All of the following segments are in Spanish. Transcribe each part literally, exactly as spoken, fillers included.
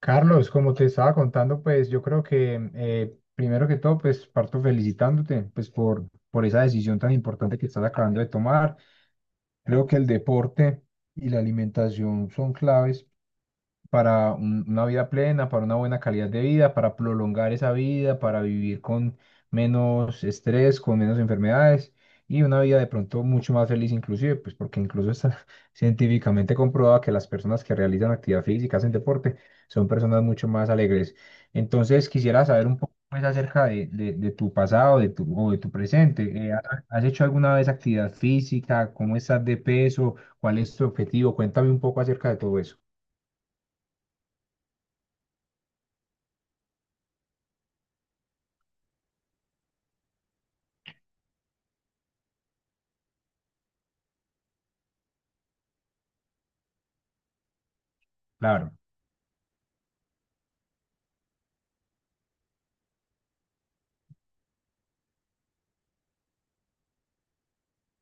Carlos, como te estaba contando, pues yo creo que eh, primero que todo, pues parto felicitándote pues por, por esa decisión tan importante que estás acabando de tomar. Creo que el deporte y la alimentación son claves para un- una vida plena, para una buena calidad de vida, para prolongar esa vida, para vivir con menos estrés, con menos enfermedades y una vida de pronto mucho más feliz inclusive, pues porque incluso está científicamente comprobado que las personas que realizan actividad física, hacen deporte, son personas mucho más alegres. Entonces quisiera saber un poco más acerca de, de- de tu pasado, de tu, o de tu presente. Eh, ¿ha- ¿has hecho alguna vez actividad física? ¿Cómo estás de peso? ¿Cuál es tu objetivo? Cuéntame un poco acerca de todo eso. Claro.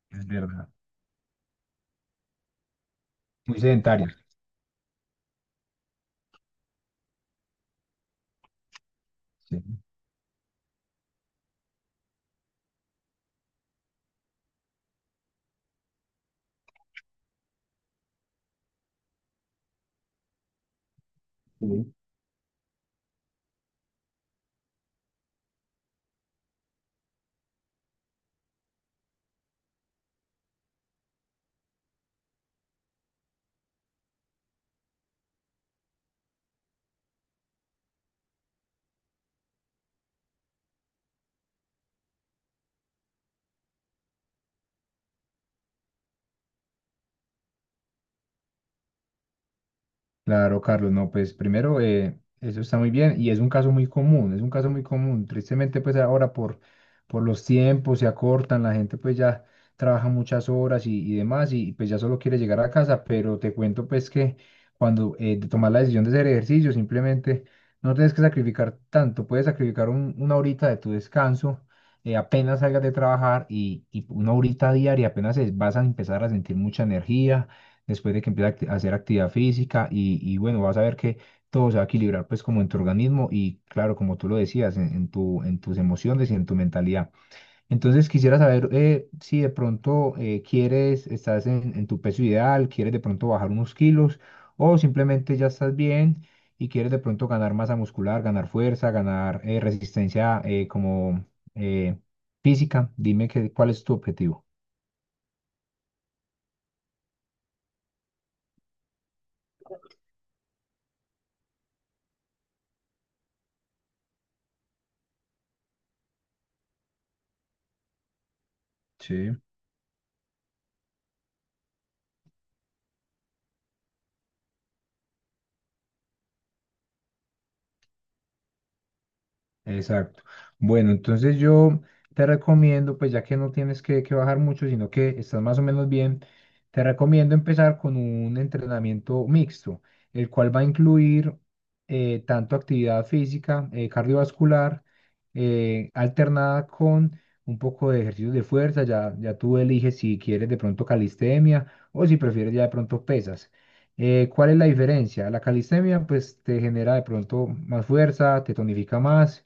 Es verdad. Muy sedentaria. Sí. Sí. Claro, Carlos, no, pues primero, eh, eso está muy bien y es un caso muy común, es un caso muy común. Tristemente, pues ahora por, por los tiempos se acortan, la gente pues ya trabaja muchas horas y, y demás y pues ya solo quiere llegar a casa, pero te cuento pues que cuando eh, de tomar la decisión de hacer ejercicio, simplemente no tienes que sacrificar tanto, puedes sacrificar un- una horita de tu descanso, eh, apenas salgas de trabajar y, y una horita diaria, apenas es- vas a empezar a sentir mucha energía después de que empiece a acti- a hacer actividad física y, y bueno, vas a ver que todo se va a equilibrar pues como en tu organismo y claro, como tú lo decías, en, en tu, en tus emociones y en tu mentalidad. Entonces quisiera saber eh, si de pronto eh, quieres, estás en, en tu peso ideal, quieres de pronto bajar unos kilos o simplemente ya estás bien y quieres de pronto ganar masa muscular, ganar fuerza, ganar eh, resistencia eh, como eh, física. Dime que, cuál es tu objetivo. Sí. Exacto. Bueno, entonces yo te recomiendo, pues ya que no tienes que, que bajar mucho, sino que estás más o menos bien, te recomiendo empezar con un entrenamiento mixto, el cual va a incluir eh, tanto actividad física, eh, cardiovascular, eh, alternada con un poco de ejercicios de fuerza, ya, ya tú eliges si quieres de pronto calistenia o si prefieres ya de pronto pesas. Eh, ¿cuál es la diferencia? La calistenia pues te genera de pronto más fuerza, te tonifica más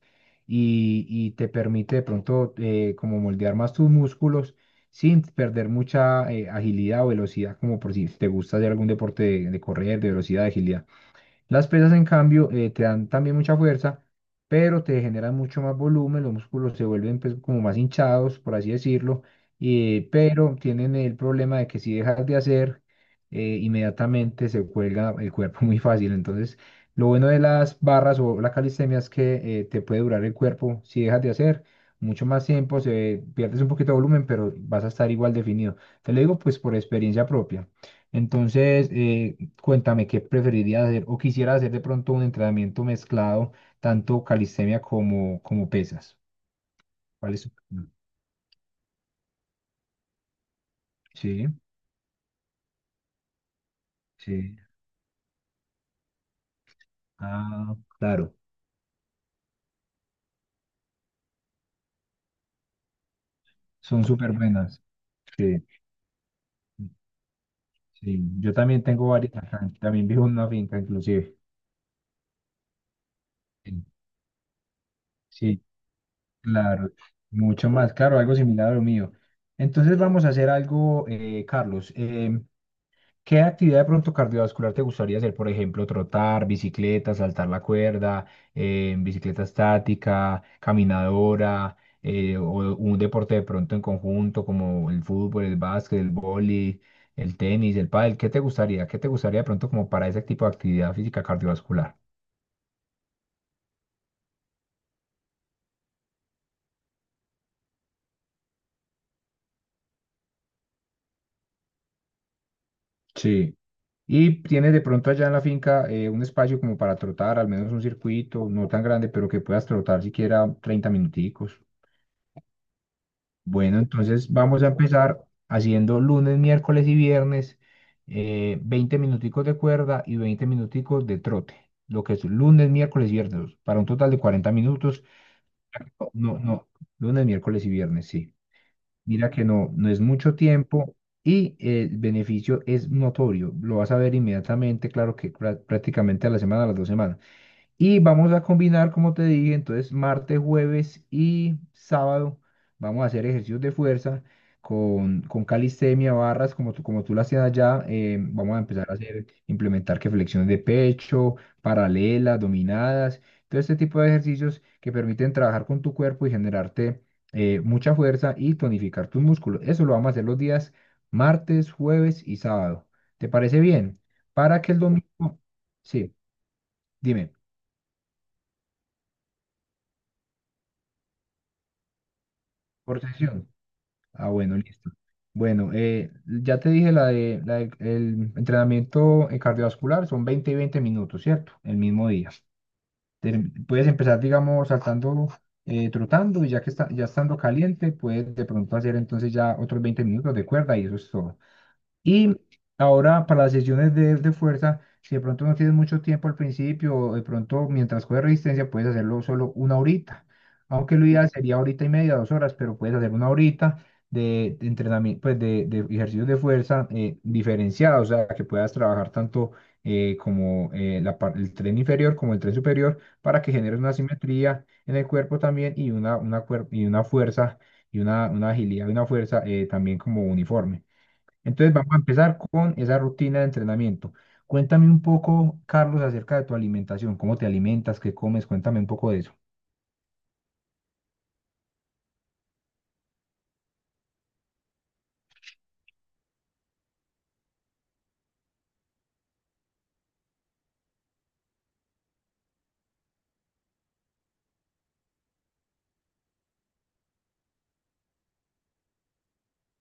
y, y te permite de pronto eh, como moldear más tus músculos sin perder mucha eh, agilidad o velocidad, como por si te gusta hacer algún deporte de, de correr, de velocidad, de agilidad. Las pesas, en cambio, eh, te dan también mucha fuerza, pero te generan mucho más volumen, los músculos se vuelven pues, como más hinchados, por así decirlo, eh, pero tienen el problema de que si dejas de hacer, eh, inmediatamente se cuelga el cuerpo muy fácil. Entonces, lo bueno de las barras o la calistenia es que eh, te puede durar el cuerpo si dejas de hacer, mucho más tiempo, se pierdes un poquito de volumen, pero vas a estar igual definido. Te lo digo pues por experiencia propia. Entonces, eh, cuéntame qué preferirías hacer o quisiera hacer de pronto un entrenamiento mezclado, tanto calistenia como, como pesas. ¿Cuál es? su- Sí, sí. Ah, claro. Son súper buenas. Sí, sí. Yo también tengo varias acá. También vivo en una finca, inclusive. Sí, sí, claro. Mucho más. Claro, algo similar a lo mío. Entonces vamos a hacer algo, eh, Carlos. Eh, ¿Qué actividad de pronto cardiovascular te gustaría hacer? Por ejemplo, trotar, bicicleta, saltar la cuerda, eh, bicicleta estática, caminadora, eh, o un deporte de pronto en conjunto como el fútbol, el básquet, el vóley, el tenis, el pádel. ¿Qué te gustaría? ¿Qué te gustaría de pronto como para ese tipo de actividad física cardiovascular? Sí. Y tienes de pronto allá en la finca eh, un espacio como para trotar, al menos un circuito, no tan grande, pero que puedas trotar siquiera treinta minuticos. Bueno, entonces vamos a empezar haciendo lunes, miércoles y viernes, eh, veinte minuticos de cuerda y veinte minuticos de trote, lo que es lunes, miércoles y viernes, para un total de cuarenta minutos. No, no, no, lunes, miércoles y viernes, sí. Mira que no, no es mucho tiempo y el beneficio es notorio. Lo vas a ver inmediatamente, claro que prá- prácticamente a la semana, a las dos semanas. Y vamos a combinar, como te dije, entonces martes, jueves y sábado vamos a hacer ejercicios de fuerza con, con calistenia, barras, como tú, como tú lo hacías allá. eh, vamos a empezar a hacer, implementar que flexiones de pecho, paralelas, dominadas, todo este tipo de ejercicios que permiten trabajar con tu cuerpo y generarte eh, mucha fuerza y tonificar tus músculos. Eso lo vamos a hacer los días martes, jueves y sábado. ¿Te parece bien? Para que el domingo. Sí, dime, por sesión. Ah, bueno, listo. Bueno, eh, ya te dije la de, la de- el entrenamiento eh, cardiovascular, son veinte y veinte minutos, ¿cierto? El mismo día. Te- puedes empezar, digamos, saltando, eh, trotando y ya que está, ya estando caliente, puedes de pronto hacer entonces ya otros veinte minutos de cuerda y eso es todo. Y ahora para las sesiones de, de fuerza, si de pronto no tienes mucho tiempo al principio, o de pronto mientras juegas resistencia puedes hacerlo solo una horita, aunque lo ideal sería horita y media, dos horas, pero puedes hacer una horita de entrenamiento, pues de, de ejercicios de fuerza eh, diferenciados, o sea, que puedas trabajar tanto eh, como eh, la par- el tren inferior como el tren superior para que generes una simetría en el cuerpo también y una, una, cuer- y una fuerza y una, una agilidad y una fuerza eh, también como uniforme. Entonces vamos a empezar con esa rutina de entrenamiento. Cuéntame un poco, Carlos, acerca de tu alimentación. ¿Cómo te alimentas? ¿Qué comes? Cuéntame un poco de eso.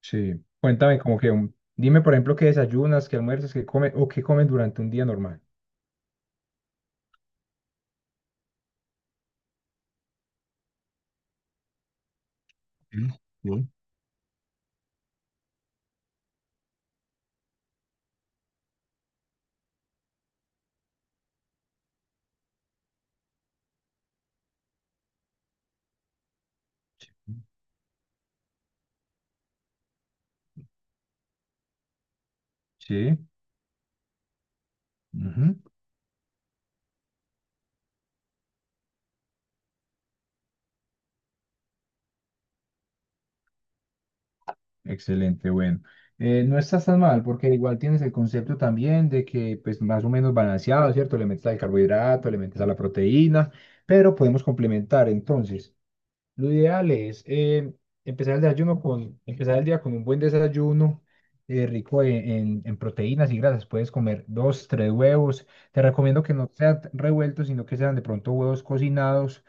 Sí, cuéntame como que, un- dime por ejemplo qué desayunas, qué almuerzas, qué comes o qué comes durante un día normal. Sí, sí. Sí, ujú. Excelente, bueno. Eh, no estás tan mal porque igual tienes el concepto también de que pues más o menos balanceado, ¿cierto? Le metes al carbohidrato, le metes a la proteína, pero podemos complementar entonces. Lo ideal es eh, empezar el desayuno con, empezar el día con un buen desayuno eh, rico en, en- en proteínas y grasas. Puedes comer dos, tres huevos. Te recomiendo que no sean revueltos, sino que sean de pronto huevos cocinados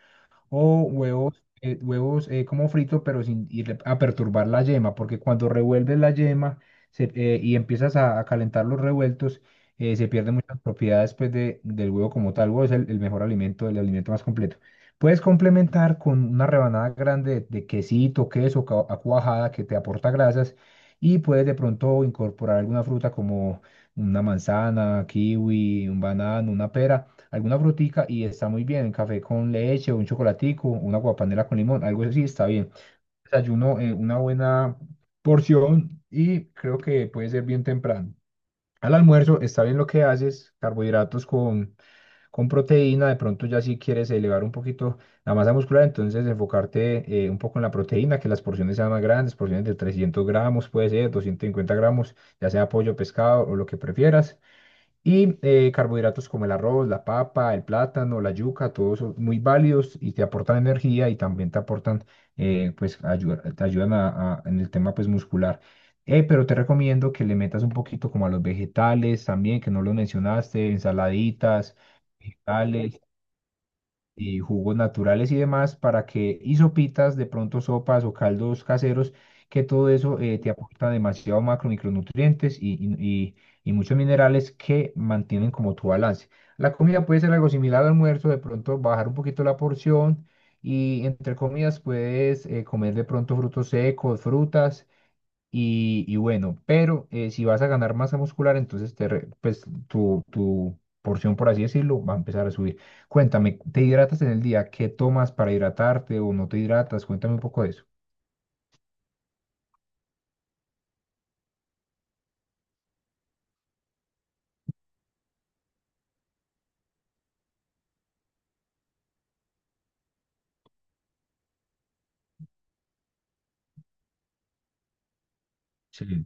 o huevos, eh, huevos eh, como frito, pero sin ir a perturbar la yema, porque cuando revuelves la yema se- eh, y empiezas a, a calentar los revueltos, eh, se pierden muchas propiedades pues, de- del huevo como tal. El huevo es el, el mejor alimento, el alimento más completo. Puedes complementar con una rebanada grande de, de quesito, queso, cua- a cuajada que te aporta grasas y puedes de pronto incorporar alguna fruta como una manzana, kiwi, un banano, una pera, alguna frutica y está muy bien, café con leche, un chocolatico, una guapanela con limón, algo así está bien. Desayuno, eh, una buena porción y creo que puede ser bien temprano. Al almuerzo está bien lo que haces, carbohidratos con, con proteína, de pronto ya si quieres elevar un poquito la masa muscular, entonces enfocarte eh, un poco en la proteína, que las porciones sean más grandes, porciones de trescientos gramos, puede ser doscientos cincuenta gramos, ya sea pollo, pescado o lo que prefieras. Y eh, carbohidratos como el arroz, la papa, el plátano, la yuca, todos son muy válidos y te aportan energía y también te aportan, eh, pues ayuda- te ayudan a- a- en el tema pues muscular. Eh, pero te recomiendo que le metas un poquito como a los vegetales también, que no los mencionaste, ensaladitas, vegetales y jugos naturales y demás para que, y sopitas, de pronto sopas o caldos caseros, que todo eso eh, te aporta demasiado macro, micronutrientes y, y, y- y muchos minerales que mantienen como tu balance. La comida puede ser algo similar al almuerzo, de pronto bajar un poquito la porción y entre comidas puedes eh, comer de pronto frutos secos, frutas y, y bueno, pero eh, si vas a ganar masa muscular, entonces te re- pues, tu, tu porción, por así decirlo, va a empezar a subir. Cuéntame, ¿te hidratas en el día? ¿Qué tomas para hidratarte o no te hidratas? Cuéntame un poco de eso. Sí.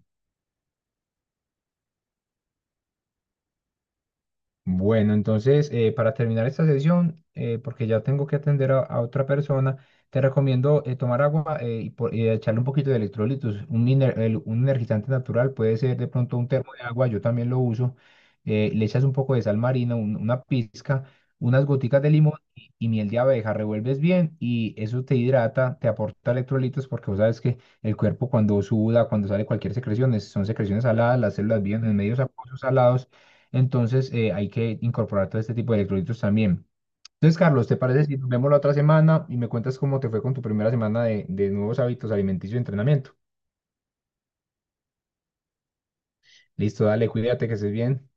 Bueno, entonces, eh, para terminar esta sesión, eh, porque ya tengo que atender a, a otra persona, te recomiendo eh, tomar agua eh, y, por- y echarle un poquito de electrolitos. Un, ener- el- un energizante natural puede ser de pronto un termo de agua, yo también lo uso. eh, le echas un poco de sal marina, un- una pizca, unas goticas de limón y, y miel de abeja, revuelves bien y eso te hidrata, te aporta electrolitos, porque vos sabes que el cuerpo cuando suda, cuando sale cualquier secreción, es- son secreciones saladas, las células viven en medios acuosos salados. Entonces, eh, hay que incorporar todo este tipo de electrolitos también. Entonces, Carlos, ¿te parece si nos vemos la otra semana y me cuentas cómo te fue con tu primera semana de, de nuevos hábitos alimenticios y entrenamiento? Listo, dale, cuídate, que estés bien.